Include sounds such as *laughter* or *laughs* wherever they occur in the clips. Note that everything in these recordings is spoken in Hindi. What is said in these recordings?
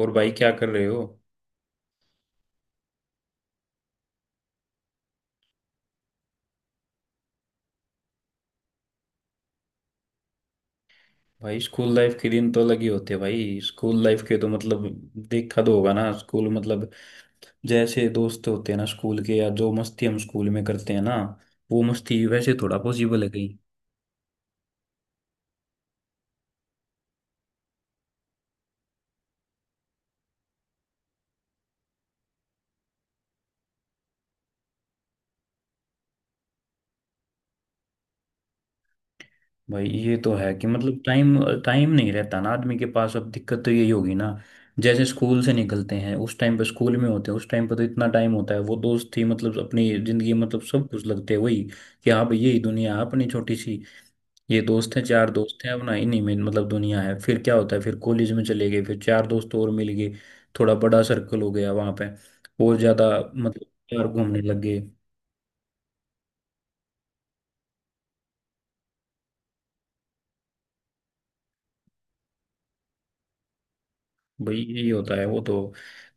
और भाई क्या कर रहे हो? भाई स्कूल लाइफ के दिन तो अलग ही होते हैं, भाई स्कूल लाइफ के तो मतलब देखा तो होगा ना, स्कूल मतलब जैसे दोस्त होते हैं ना स्कूल के, या जो मस्ती हम स्कूल में करते हैं ना, वो मस्ती वैसे थोड़ा पॉसिबल है कहीं? भाई ये तो है कि मतलब टाइम टाइम नहीं रहता ना आदमी के पास, अब दिक्कत तो यही होगी ना। जैसे स्कूल से निकलते हैं, उस टाइम पे स्कूल में होते हैं उस टाइम पे तो इतना टाइम होता है, वो दोस्त ही मतलब अपनी जिंदगी में मतलब सब कुछ लगते हैं वही, कि हाँ भाई, यही दुनिया है अपनी छोटी सी। ये दोस्त हैं चार। हम्म। दोस्त हैं अब ना, इन्हीं में मतलब दुनिया है। फिर क्या होता है, फिर कॉलेज में चले गए, फिर चार दोस्त और मिल गए। थोड़ा बड़ा सर्कल हो गया वहां पे, और ज्यादा मतलब यार घूमने लग गए। भाई यही होता है वो तो।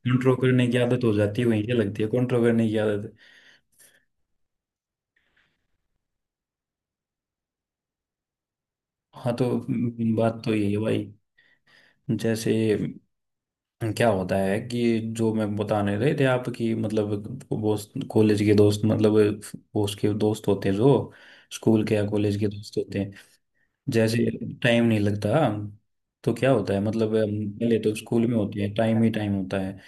कंट्रोल करने की आदत हो जाती है, वहीं से लगती है कंट्रोल करने की आदत। हाँ, तो मेन बात तो यही है भाई। जैसे क्या होता है कि जो मैं बताने रहे थे आपकी, मतलब दोस्त, कॉलेज के दोस्त मतलब वो उसके दोस्त होते हैं जो स्कूल के या कॉलेज के दोस्त होते हैं। जैसे टाइम नहीं लगता, तो क्या होता है मतलब हम पहले तो स्कूल में होते हैं, टाइम ही टाइम होता है।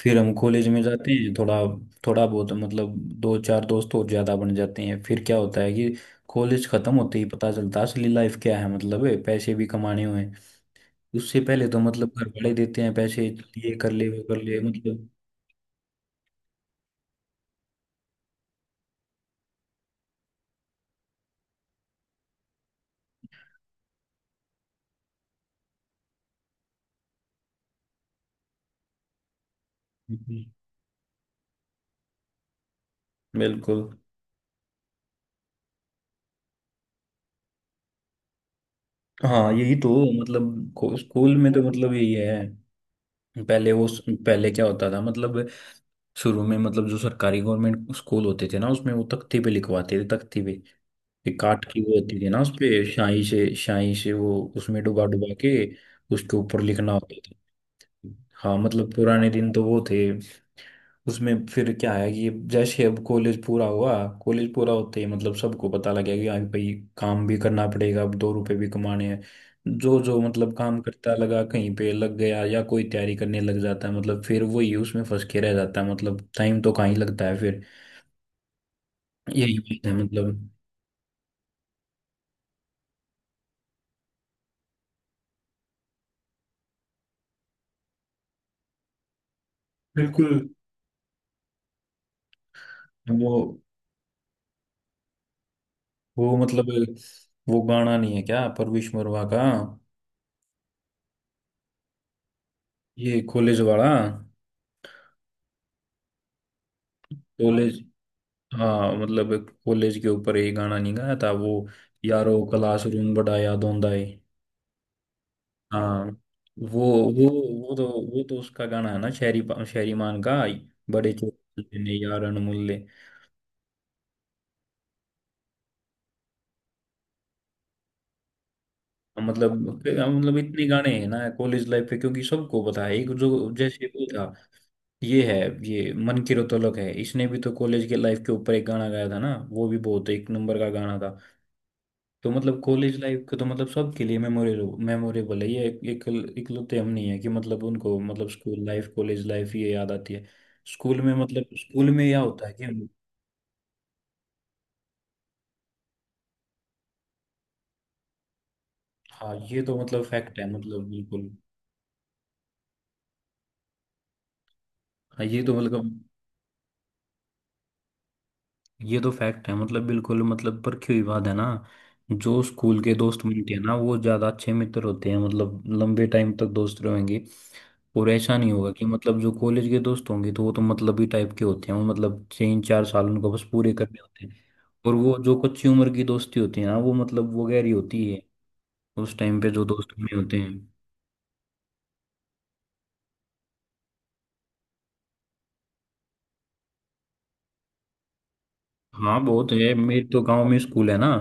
फिर हम कॉलेज में जाते हैं, थोड़ा थोड़ा बहुत मतलब दो चार दोस्त और ज़्यादा बन जाते हैं। फिर क्या होता है कि कॉलेज ख़त्म होते ही पता चलता है असली लाइफ क्या है, मतलब है, पैसे भी कमाने हुए हैं। उससे पहले तो मतलब घर वाले देते हैं पैसे, ये कर ले वो कर ले मतलब। बिल्कुल। हाँ, यही तो मतलब स्कूल में तो मतलब यही है। पहले वो, पहले क्या होता था मतलब शुरू में, मतलब जो सरकारी गवर्नमेंट स्कूल होते थे ना, उसमें वो तख्ती पे लिखवाते थे, तख्ती पे ये काट की वो होती थी ना उस पे, स्याही से, स्याही से वो उसमें डुबा डुबा के उसके ऊपर लिखना होता था। हाँ मतलब पुराने दिन तो वो थे। उसमें फिर क्या है कि जैसे अब कॉलेज पूरा हुआ, कॉलेज पूरा होते ही मतलब सबको पता लगेगा कि हाँ भाई काम भी करना पड़ेगा, अब 2 रुपए भी कमाने हैं। जो जो मतलब काम करता लगा कहीं पे लग गया, या कोई तैयारी करने लग जाता है मतलब फिर वही उसमें फंस के रह जाता है, मतलब टाइम तो कहाँ ही लगता है फिर। यही बात है मतलब बिल्कुल। वो वो मतलब वो गाना नहीं है क्या परवेश मरवा का? ये कॉलेज वाला, कॉलेज। हाँ मतलब कॉलेज के ऊपर ये गाना नहीं गाया था वो, यारो क्लासरूम बड़ा याद आंदा है। हाँ, वो वो वो तो वो तो उसका गाना है ना, शहरी, शहरी मान का। बड़े चोट ने यार अनमोल्य। मतलब, मतलब इतने गाने हैं ना कॉलेज लाइफ पे, क्योंकि सबको पता है, एक जो जैसे वो था। ये है, ये मन की रतौलक है, इसने भी तो कॉलेज के लाइफ के ऊपर एक गाना गाया था ना, वो भी बहुत एक नंबर का गाना था। तो मतलब कॉलेज लाइफ का तो मतलब सबके लिए मेमोरेबल, मेमोरेबल है। ये एक, एक इकलौते हम नहीं है कि मतलब उनको मतलब स्कूल लाइफ, कॉलेज लाइफ ये याद आती है। स्कूल में मतलब स्कूल में यह होता है कि हाँ, ये तो मतलब फैक्ट है मतलब बिल्कुल। हाँ ये तो मतलब, ये तो फैक्ट है मतलब बिल्कुल, मतलब परखी हुई बात है ना। जो स्कूल के दोस्त बनते हैं ना वो ज्यादा अच्छे मित्र होते हैं, मतलब लंबे टाइम तक दोस्त रहेंगे। और ऐसा नहीं होगा कि मतलब जो कॉलेज के दोस्त होंगे तो वो तो मतलब ही टाइप के होते हैं, वो मतलब 3 4 साल उनको बस पूरे करने होते हैं। और वो जो कच्ची उम्र की दोस्ती होती है ना वो मतलब वो गहरी होती है, उस टाइम पे जो दोस्त बने होते हैं। हाँ बहुत है, मेरे तो गाँव में स्कूल है ना,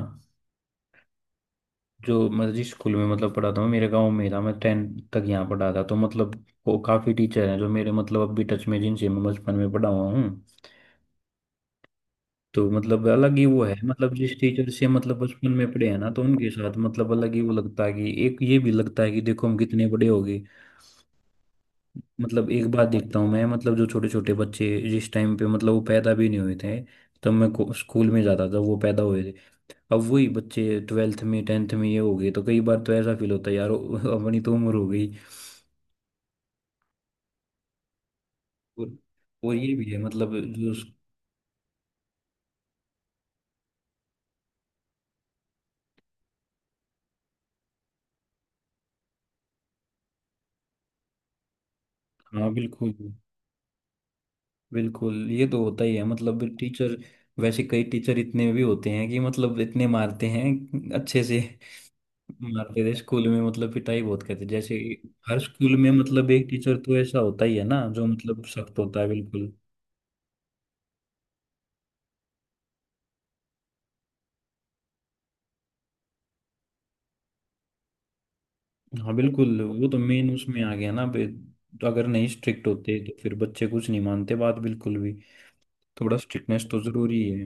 जो मैं जिस स्कूल में मतलब पढ़ाता हूँ मेरे गांव में ही था, मैं 10 तक यहाँ पढ़ा था। तो मतलब वो काफ़ी टीचर हैं जो मेरे मतलब अब भी टच में, जिनसे मैं बचपन में पढ़ा हुआ हूँ। तो मतलब अलग ही वो है, मतलब जिस टीचर से मतलब बचपन में पढ़े हैं ना, तो उनके साथ मतलब अलग ही वो लगता है कि एक ये भी लगता है कि देखो हम कितने बड़े हो गए। मतलब एक बात देखता हूँ मैं, मतलब जो छोटे छोटे बच्चे जिस टाइम पे मतलब वो पैदा भी नहीं हुए थे, तब मैं स्कूल में जाता था, वो पैदा हुए थे। अब वही बच्चे 12th में, 10th में ये हो गए, तो कई बार तो ऐसा फील होता है यार, अपनी तो उम्र हो गई। और, और ये भी है मतलब जो हाँ बिल्कुल, बिल्कुल ये तो होता ही है मतलब टीचर। वैसे कई टीचर इतने भी होते हैं कि मतलब इतने मारते हैं अच्छे से, मारते थे स्कूल में, मतलब पिटाई बहुत करते जैसे, हर स्कूल में मतलब एक टीचर तो ऐसा होता ही है ना जो मतलब सख्त होता है बिल्कुल। हाँ बिल्कुल, वो तो मेन उसमें आ गया ना तो अगर नहीं स्ट्रिक्ट होते तो फिर बच्चे कुछ नहीं मानते बात बिल्कुल भी। थोड़ा स्ट्रिक्टनेस तो जरूरी है।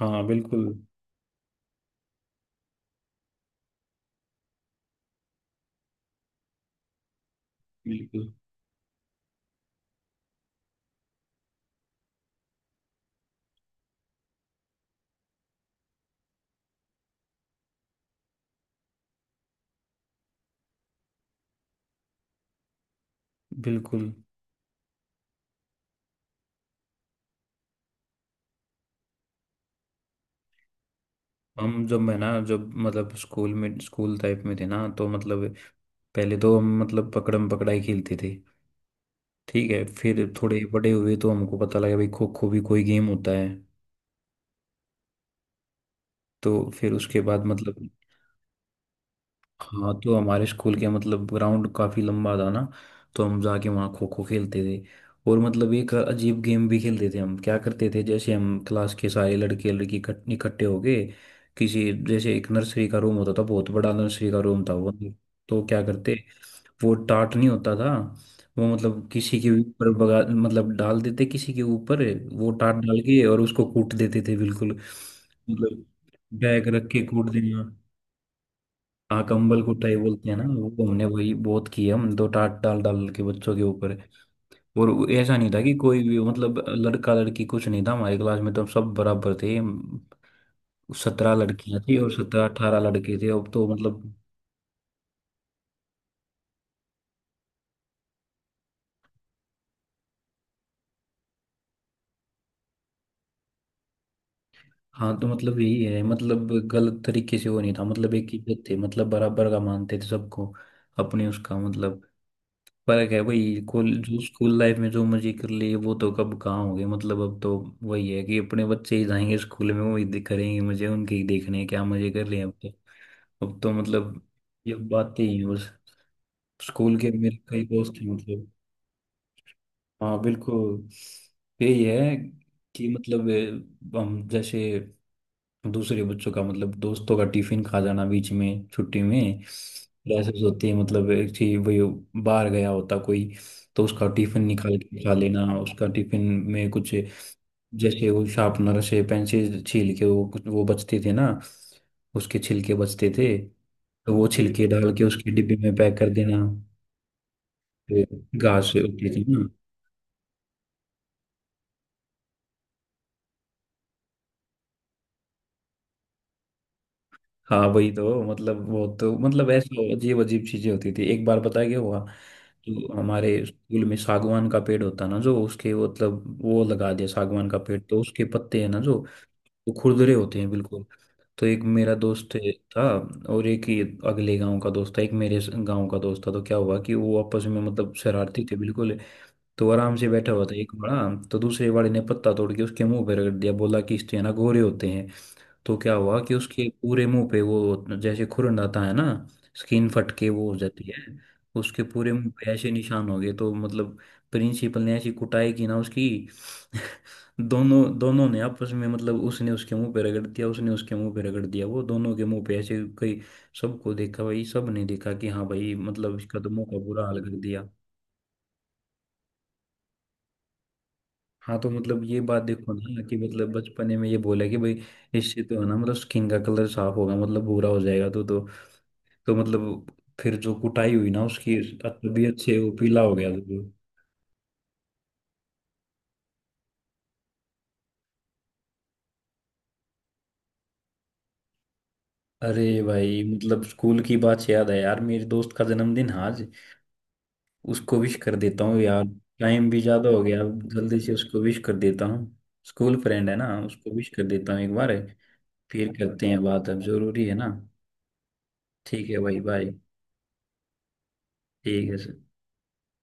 हाँ बिल्कुल, बिल्कुल, बिल्कुल। हम जब मैं ना, जब मतलब स्कूल में, स्कूल टाइप में थे ना, तो मतलब पहले तो हम मतलब पकड़म पकड़ाई खेलते थे। ठीक है, फिर थोड़े बड़े हुए तो हमको पता लगा भाई खो खो भी कोई गेम होता है। तो फिर उसके बाद मतलब, हाँ तो हमारे स्कूल के मतलब ग्राउंड काफी लंबा था ना, तो हम जाके वहाँ खो खो खेलते थे। और मतलब एक अजीब गेम भी खेलते थे हम। क्या करते थे, जैसे हम क्लास के सारे लड़के लड़की इकट्ठे हो गए, किसी जैसे एक नर्सरी का रूम होता था, बहुत बड़ा नर्सरी का रूम था वो। तो क्या करते, वो टाट नहीं होता था वो, मतलब किसी के ऊपर बगा, मतलब डाल देते किसी के ऊपर, वो टाट डाल के, और उसको कूट देते थे बिल्कुल। मतलब बैग रख के कूट देना। हाँ, कंबल कुटाई बोलते हैं ना वो, हमने वही बहुत की है हम तो, टाट डाल डाल के बच्चों के ऊपर। और वो ऐसा नहीं था कि कोई भी मतलब लड़का लड़की कुछ नहीं था हमारी क्लास में, तो हम सब बराबर थे। 17 लड़कियां थी, और 17 18 लड़के थे, अब तो मतलब। हाँ तो मतलब यही है, मतलब गलत तरीके से वो नहीं था, मतलब एक इज्जत थे, मतलब बराबर का मानते थे सबको, अपने उसका मतलब फर्क है वही। कॉल जो स्कूल लाइफ में जो मजे कर लिए वो तो कब कहाँ हो गए, मतलब अब तो वही है कि अपने बच्चे ही जाएंगे स्कूल में, वही दिख करेंगे, मुझे उनके ही देखने हैं, क्या मजे कर रहे हैं अब तो। अब तो मतलब ये बातें ही हैं बस। स्कूल के मेरे कई दोस्त हैं मतलब। हाँ बिल्कुल, यही है कि मतलब अ, हम जैसे दूसरे बच्चों का मतलब दोस्तों का टिफिन खा जाना, बीच में छुट्टी में क्लासेस होती है मतलब, एक ही वही बाहर गया होता कोई, तो उसका टिफिन निकाल के खा लेना, उसका टिफिन में कुछ। जैसे वो शार्पनर से पेंसिल छील के वो कुछ वो बचते थे ना, उसके छिलके बचते थे, तो वो छिलके डाल के उसके डिब्बे में पैक कर देना। फिर घास होती थी ना, हाँ वही तो। मतलब वो तो मतलब ऐसे अजीब अजीब चीजें होती थी। एक बार पता है क्या हुआ, तो हमारे स्कूल में सागवान का पेड़ होता है ना, जो उसके मतलब वो लगा दिया सागवान का पेड़, तो उसके पत्ते हैं ना जो, वो खुरदरे होते हैं बिल्कुल। तो एक मेरा दोस्त था, और एक ही अगले गांव का दोस्त था, एक मेरे गांव का दोस्त था। तो क्या हुआ कि वो आपस में मतलब शरारती थे बिल्कुल, तो आराम से बैठा हुआ था एक बड़ा, तो दूसरे वाले ने पत्ता तोड़ के उसके मुंह पे रगड़ दिया, बोला कि इससे ना गोरे होते हैं। तो क्या हुआ कि उसके पूरे मुंह पे वो, जैसे खुरन आता है ना, स्किन फट के वो हो जाती है, उसके पूरे मुंह पे ऐसे निशान हो गए, तो मतलब प्रिंसिपल ने ऐसी कुटाई की ना उसकी। *laughs* दोनों दोनों ने आपस में मतलब उसने उसके मुंह पे रगड़ दिया, उसने उसके मुंह पे रगड़ दिया, वो दोनों के मुंह पे ऐसे कई, सबको देखा भाई, सब ने देखा कि हाँ भाई मतलब इसका तो मुंह का बुरा हाल कर दिया। हाँ तो मतलब ये बात देखो ना कि मतलब बचपने में ये बोला कि भाई इससे तो है ना मतलब स्किन का कलर साफ होगा, मतलब भूरा हो जाएगा, तो तो मतलब फिर जो कुटाई हुई ना उसकी, तबीयत से वो पीला हो गया था। अरे भाई, मतलब स्कूल की बात से याद है यार, मेरे दोस्त का जन्मदिन है आज, उसको विश कर देता हूँ यार। टाइम भी ज्यादा हो गया, जल्दी से उसको विश कर देता हूँ। स्कूल फ्रेंड है ना, उसको विश कर देता हूँ एक बार। फिर करते हैं बात, अब जरूरी है ना। ठीक है भाई, बाय। ठीक है सर।